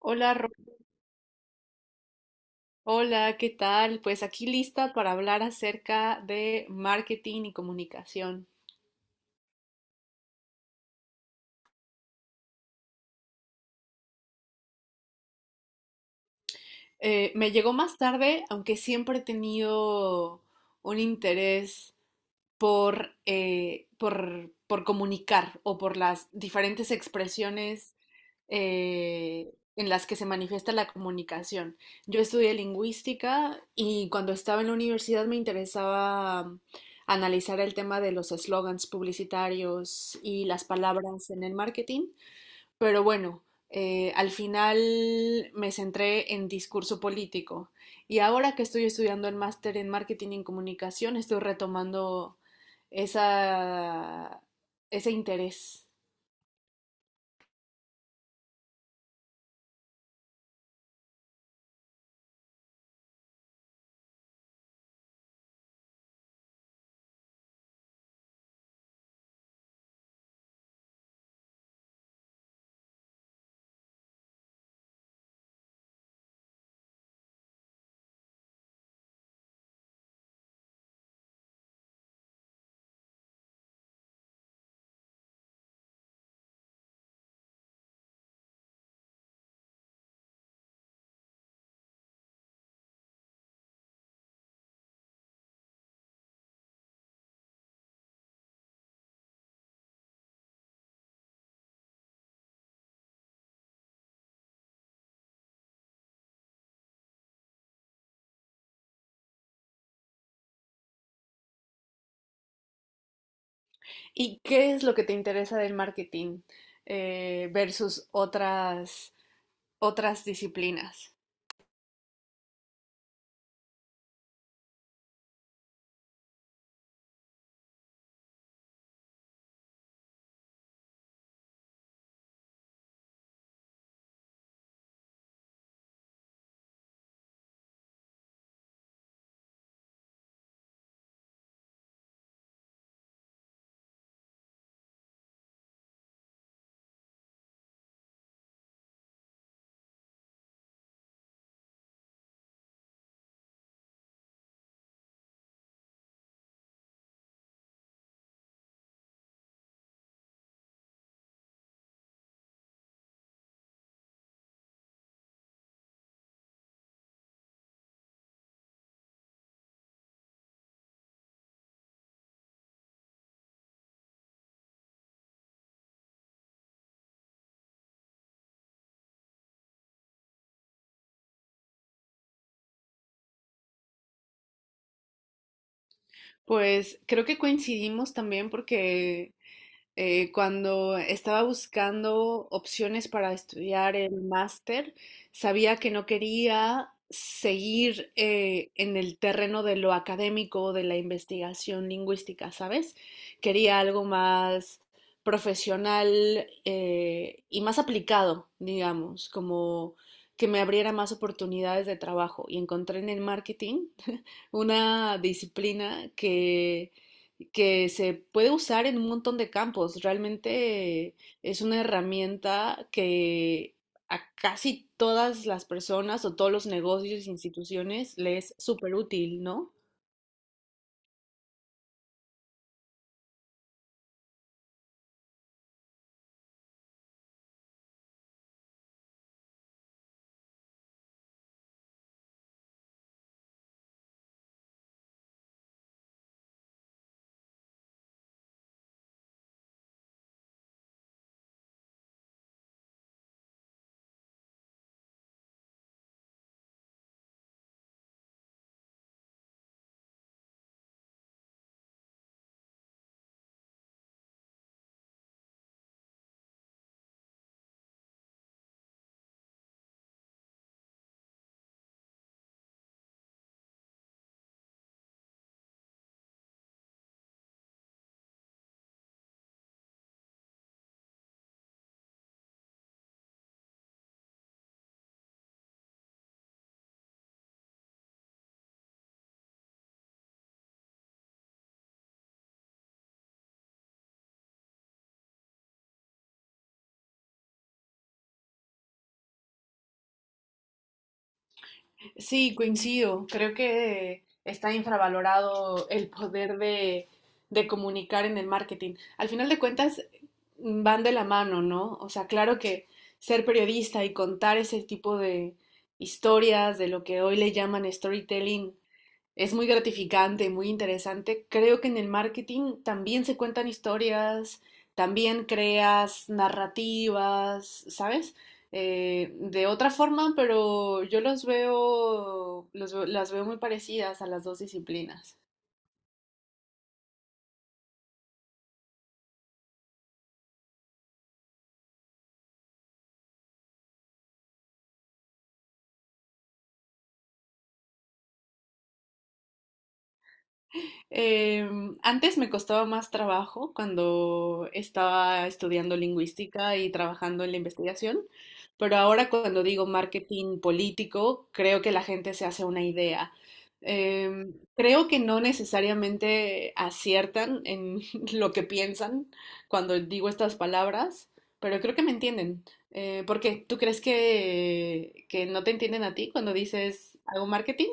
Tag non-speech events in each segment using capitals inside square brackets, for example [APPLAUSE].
Hola, Ro- hola, ¿qué tal? Pues aquí lista para hablar acerca de marketing y comunicación. Me llegó más tarde, aunque siempre he tenido un interés por comunicar o por las diferentes expresiones en las que se manifiesta la comunicación. Yo estudié lingüística y cuando estaba en la universidad me interesaba analizar el tema de los eslogans publicitarios y las palabras en el marketing, pero bueno, al final me centré en discurso político y ahora que estoy estudiando el máster en marketing y comunicación, estoy retomando esa, ese interés. ¿Y qué es lo que te interesa del marketing versus otras disciplinas? Pues creo que coincidimos también porque cuando estaba buscando opciones para estudiar el máster, sabía que no quería seguir en el terreno de lo académico, o de la investigación lingüística, ¿sabes? Quería algo más profesional y más aplicado, digamos, como que me abriera más oportunidades de trabajo. Y encontré en el marketing [LAUGHS] una disciplina que se puede usar en un montón de campos. Realmente es una herramienta que a casi todas las personas o todos los negocios e instituciones les es súper útil, ¿no? Sí, coincido. Creo que está infravalorado el poder de comunicar en el marketing. Al final de cuentas, van de la mano, ¿no? O sea, claro que ser periodista y contar ese tipo de historias de lo que hoy le llaman storytelling es muy gratificante, muy interesante. Creo que en el marketing también se cuentan historias, también creas narrativas, ¿sabes? De otra forma, pero yo los veo, las veo muy parecidas a las dos disciplinas. Eh, Antes me costaba más trabajo cuando estaba estudiando lingüística y trabajando en la investigación, pero ahora cuando digo marketing político, creo que la gente se hace una idea. Creo que no necesariamente aciertan en [LAUGHS] lo que piensan cuando digo estas palabras, pero creo que me entienden. ¿Por qué? ¿Tú crees que no te entienden a ti cuando dices hago marketing?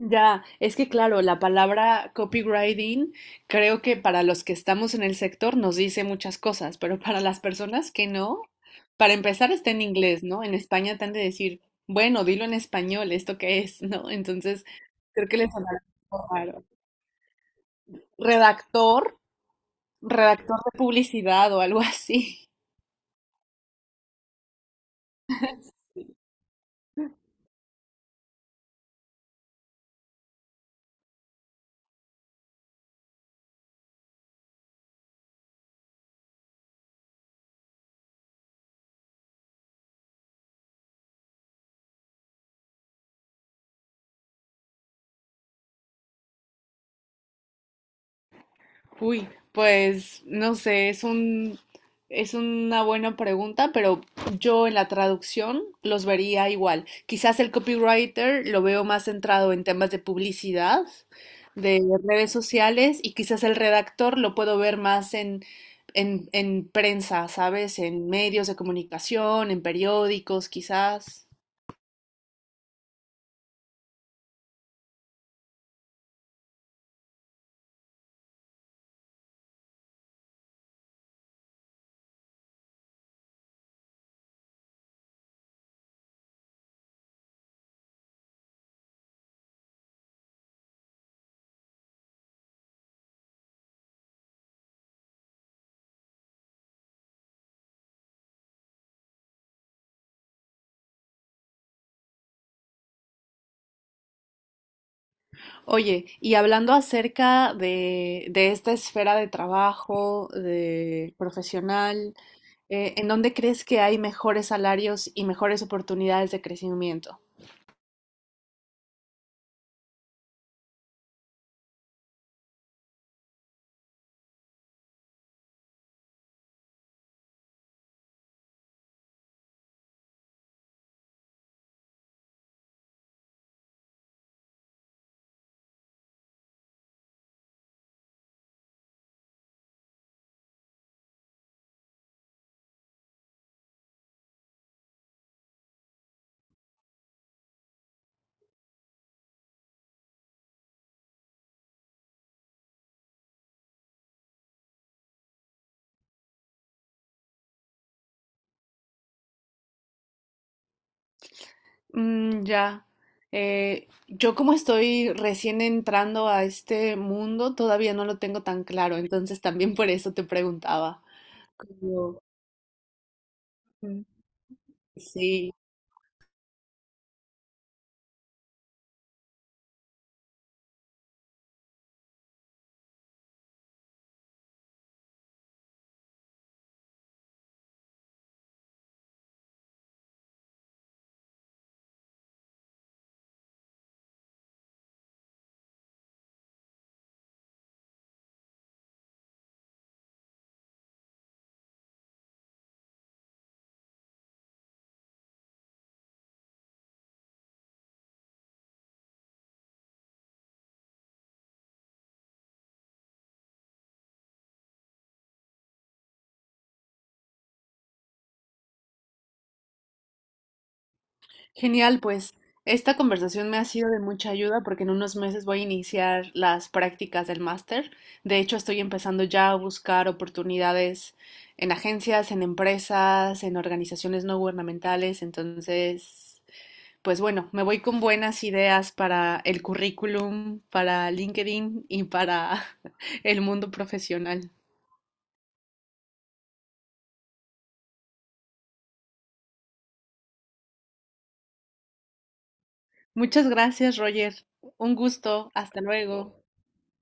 Ya, es que claro, la palabra copywriting creo que para los que estamos en el sector nos dice muchas cosas, pero para las personas que no, para empezar está en inglés, ¿no? En España te han de decir, bueno, dilo en español, ¿esto qué es? ¿No? Entonces, creo que les sonará un poco raro. Redactor, redactor de publicidad o algo así. Uy, pues no sé, es una buena pregunta, pero yo en la traducción los vería igual. Quizás el copywriter lo veo más centrado en temas de publicidad, de redes sociales, y quizás el redactor lo puedo ver más en prensa, ¿sabes? En medios de comunicación, en periódicos, quizás. Oye, y hablando acerca de esta esfera de trabajo, de profesional, ¿en dónde crees que hay mejores salarios y mejores oportunidades de crecimiento? Mm, ya. Yo como estoy recién entrando a este mundo, todavía no lo tengo tan claro, entonces también por eso te preguntaba. Como, mm, Sí, genial, pues esta conversación me ha sido de mucha ayuda porque en unos meses voy a iniciar las prácticas del máster. De hecho, estoy empezando ya a buscar oportunidades en agencias, en empresas, en organizaciones no gubernamentales. Entonces, pues bueno, me voy con buenas ideas para el currículum, para LinkedIn y para [LAUGHS] el mundo profesional. Muchas gracias, Roger. Un gusto. Hasta luego.